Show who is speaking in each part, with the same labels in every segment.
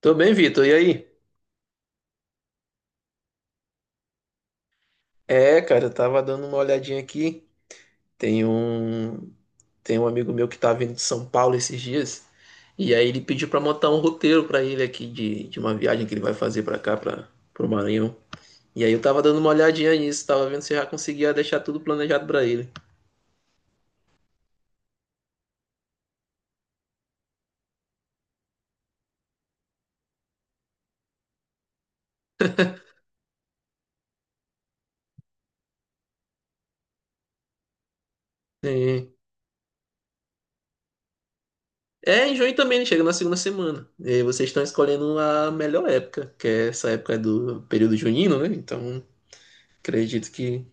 Speaker 1: Tô bem, Vitor. E aí? É, cara, eu tava dando uma olhadinha aqui. Tem um, tem um amigo meu que tá vindo de São Paulo esses dias. E aí ele pediu pra montar um roteiro pra ele aqui de uma viagem que ele vai fazer pra cá, para pro Maranhão. E aí eu tava dando uma olhadinha nisso, tava vendo se eu já conseguia deixar tudo planejado pra ele. E- É, em junho também, ele chega na segunda semana. E aí vocês estão escolhendo a melhor época, que é essa época do período junino, né? Então, acredito que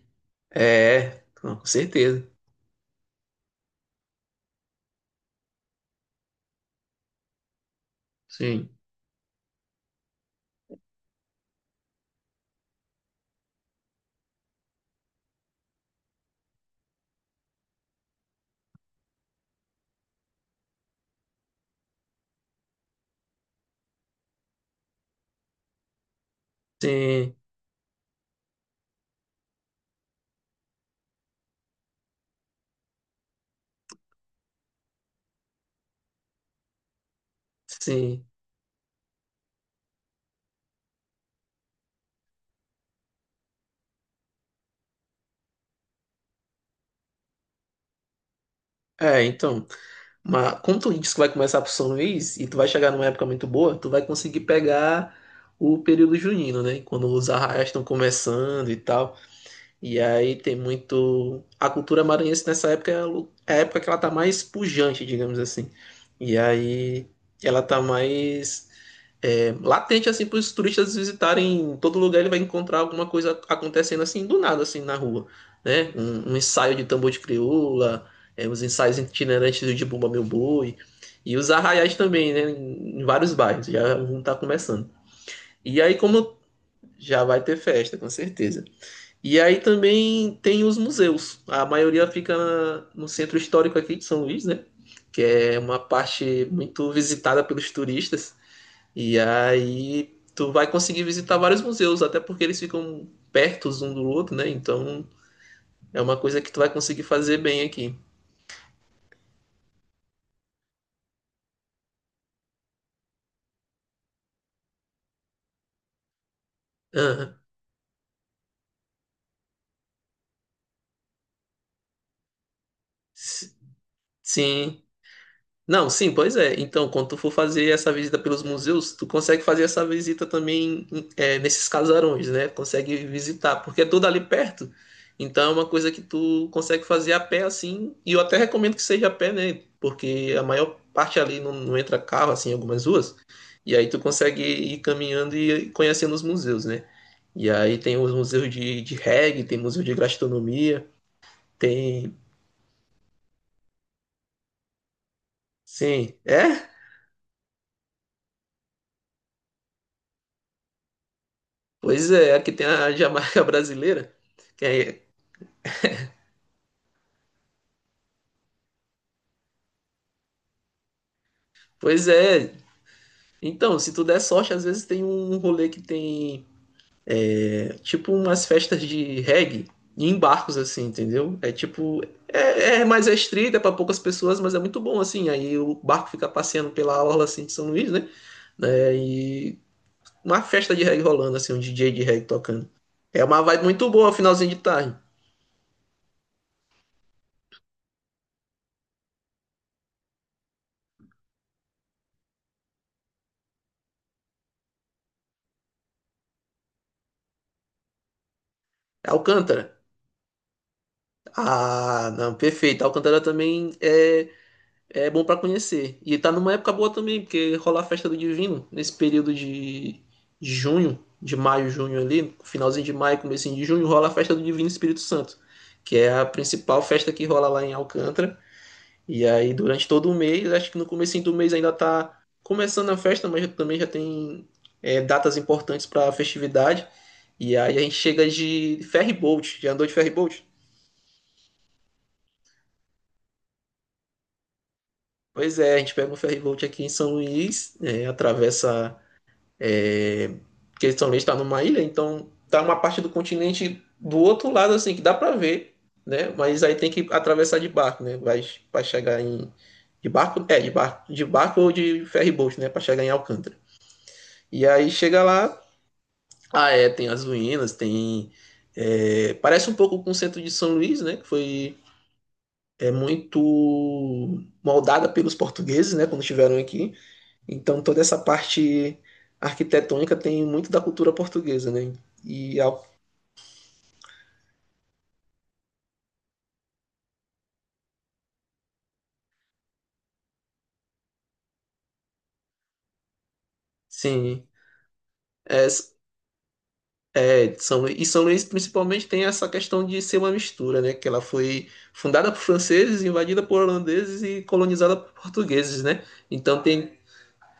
Speaker 1: é, não, com certeza. Sim. Sim, sim. É, então, mas como tu disse que vai começar pro São Luís e tu vai chegar numa época muito boa, tu vai conseguir pegar o período junino, né? Quando os arraiais estão começando e tal. E aí tem muito. A cultura maranhense nessa época é a época que ela tá mais pujante, digamos assim. E aí ela tá mais. É, latente assim para os turistas visitarem. Em todo lugar ele vai encontrar alguma coisa acontecendo assim do nada, assim na rua, né? Um ensaio de tambor de crioula, é, os ensaios itinerantes de Bumba Meu Boi e os arraiais também, né? Vários bairros já um tá começando. E aí como Já vai ter festa, com certeza. E aí também tem os museus, a maioria fica no centro histórico aqui de São Luís, né? Que é uma parte muito visitada pelos turistas. E aí tu vai conseguir visitar vários museus, até porque eles ficam perto um do outro, né? Então é uma coisa que tu vai conseguir fazer bem aqui. Aham. S- Sim. Não, sim, pois é. Então, quando tu for fazer essa visita pelos museus, tu consegue fazer essa visita também, é, nesses casarões, né? Consegue visitar, porque é tudo ali perto. Então, é uma coisa que tu consegue fazer a pé, assim. E eu até recomendo que seja a pé, né? Porque a maior parte ali não entra carro, assim, em algumas ruas. E aí tu consegue ir caminhando e conhecendo os museus, né? E aí tem os museus de reggae, tem museu de gastronomia, tem. Sim, é? Pois é, aqui tem a Jamaica brasileira. que é- Pois é. Então, se tu der sorte, às vezes tem um rolê que tem, é, tipo umas festas de reggae em barcos, assim, entendeu? É tipo. É, é mais restrito, é pra poucas pessoas, mas é muito bom, assim. Aí o barco fica passeando pela orla, assim, de São Luís, né? Né, e uma festa de reggae rolando, assim, um DJ de reggae tocando. É uma vibe muito boa, finalzinho de tarde. Alcântara. Ah, não, perfeito. Alcântara também é É bom pra conhecer. E tá numa época boa também, porque rola a festa do Divino nesse período de junho, de maio, junho ali, finalzinho de maio, comecinho de junho, rola a festa do Divino Espírito Santo, que é a principal festa que rola lá em Alcântara. E aí durante todo o mês, acho que no comecinho do mês ainda tá começando a festa, mas também já tem, é, datas importantes pra festividade. E aí a gente chega de ferry boat. Já andou de ferry boat? Pois é, a gente pega um ferry boat aqui em São Luís, é, atravessa. É, que São também está numa ilha, então tá uma parte do continente do outro lado, assim, que dá para ver, né? Mas aí tem que atravessar de barco, né? Vai chegar em. De barco? É, de barco ou de ferryboat, né? Para chegar em Alcântara. E aí chega lá, ah, é, tem as ruínas, tem. É, parece um pouco com o centro de São Luís, né? Que foi, é, muito moldada pelos portugueses, né? Quando estiveram aqui. Então toda essa parte arquitetônica tem muito da cultura portuguesa, né? E a- sim, é, é, São Luís, e São Luís principalmente tem essa questão de ser uma mistura, né? Que ela foi fundada por franceses, invadida por holandeses e colonizada por portugueses, né? Então tem,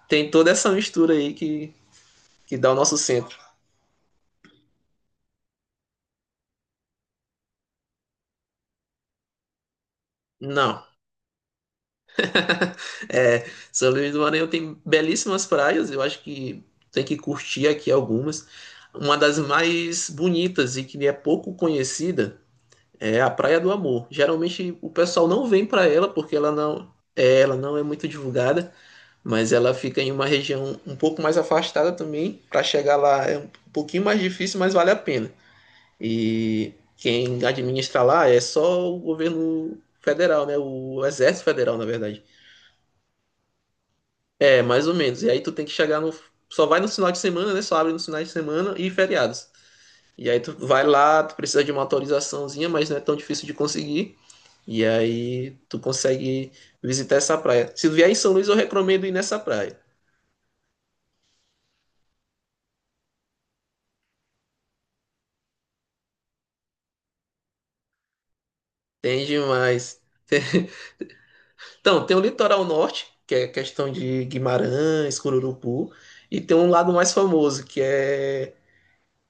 Speaker 1: tem toda essa mistura aí que dá o nosso centro. Não. É, São Luís do Maranhão tem belíssimas praias, eu acho que tem que curtir aqui algumas. Uma das mais bonitas e que é pouco conhecida é a Praia do Amor. Geralmente o pessoal não vem para ela porque ela não é muito divulgada, mas ela fica em uma região um pouco mais afastada também. Para chegar lá é um pouquinho mais difícil, mas vale a pena. E quem administra lá é só o governo federal, né? O Exército Federal, na verdade. É, mais ou menos. E aí tu tem que chegar no. Só vai no final de semana, né? Só abre no final de semana e feriados. E aí tu vai lá, tu precisa de uma autorizaçãozinha, mas não é tão difícil de conseguir. E aí tu consegue visitar essa praia. Se vier em São Luís, eu recomendo ir nessa praia. Tem demais. Então, tem o litoral norte, que é questão de Guimarães, Cururupu, e tem um lado mais famoso,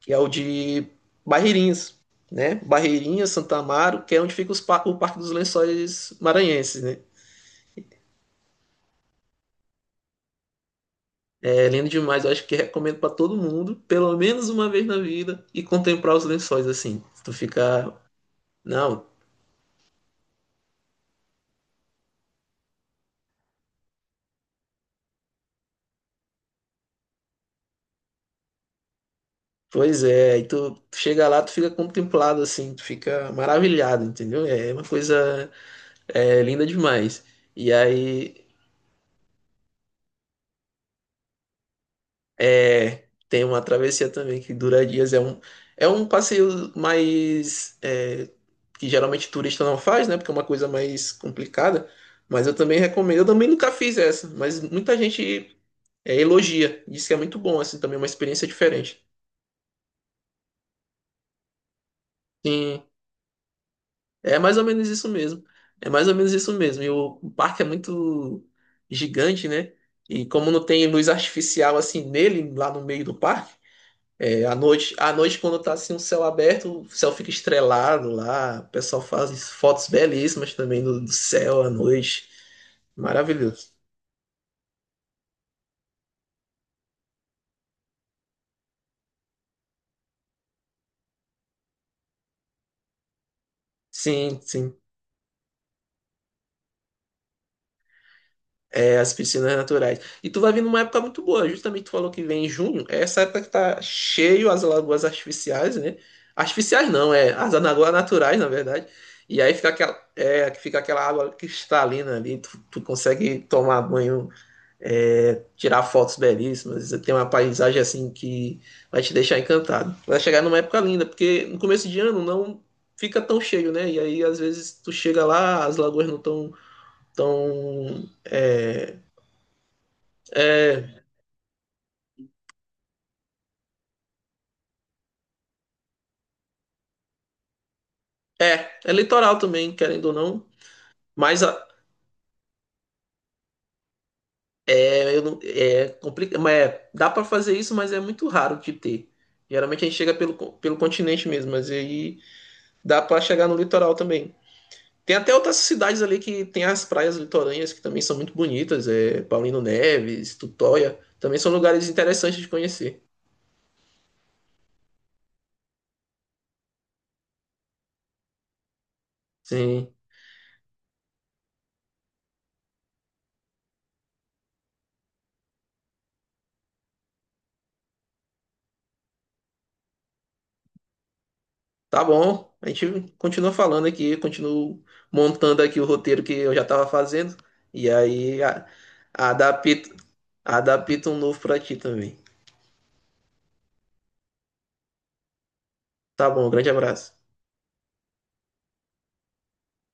Speaker 1: que é o de Barreirinhas, né? Barreirinhas, Santa Amaro, que é onde fica o Parque dos Lençóis Maranhenses, né? É lindo demais, eu acho que recomendo para todo mundo, pelo menos uma vez na vida, e contemplar os lençóis assim. Não, pois é, e tu chega lá, tu fica contemplado assim, tu fica maravilhado, entendeu? É uma coisa, é, linda demais. E aí é, tem uma travessia também que dura dias. É um passeio mais, é, que geralmente turista não faz, né? Porque é uma coisa mais complicada. Mas eu também recomendo. Eu também nunca fiz essa, mas muita gente, é, elogia. Diz que é muito bom, assim, também é uma experiência diferente. Sim, é mais ou menos isso mesmo. É mais ou menos isso mesmo. E o parque é muito gigante, né? E como não tem luz artificial assim nele, lá no meio do parque. É, à noite, quando tá assim o céu aberto, o céu fica estrelado lá. O pessoal faz fotos belíssimas também do céu à noite. Maravilhoso. Sim, sim. É, as piscinas naturais. E tu vai vir numa época muito boa. Justamente tu falou que vem em junho. É essa época que tá cheio as lagoas artificiais, né? Artificiais não, é as lagoas naturais, na verdade. E aí fica aquela, é, fica aquela água cristalina ali. Tu consegue tomar banho, é, tirar fotos belíssimas. Tem uma paisagem assim que vai te deixar encantado. Vai chegar numa época linda, porque no começo de ano não fica tão cheio, né? E aí às vezes tu chega lá, as lagoas não estão tão, tão, é, é, é litoral também, querendo ou não. Mas a- é, eu não- é complicado, mas é, dá para fazer isso, mas é muito raro de ter. Geralmente a gente chega pelo, pelo continente mesmo, mas aí dá para chegar no litoral também. Tem até outras cidades ali que tem as praias litorâneas que também são muito bonitas, é Paulino Neves, Tutóia, também são lugares interessantes de conhecer. Sim, tá bom. A gente continua falando aqui, continuo montando aqui o roteiro que eu já estava fazendo e adapto, adapto um novo para ti também. Tá bom, grande abraço.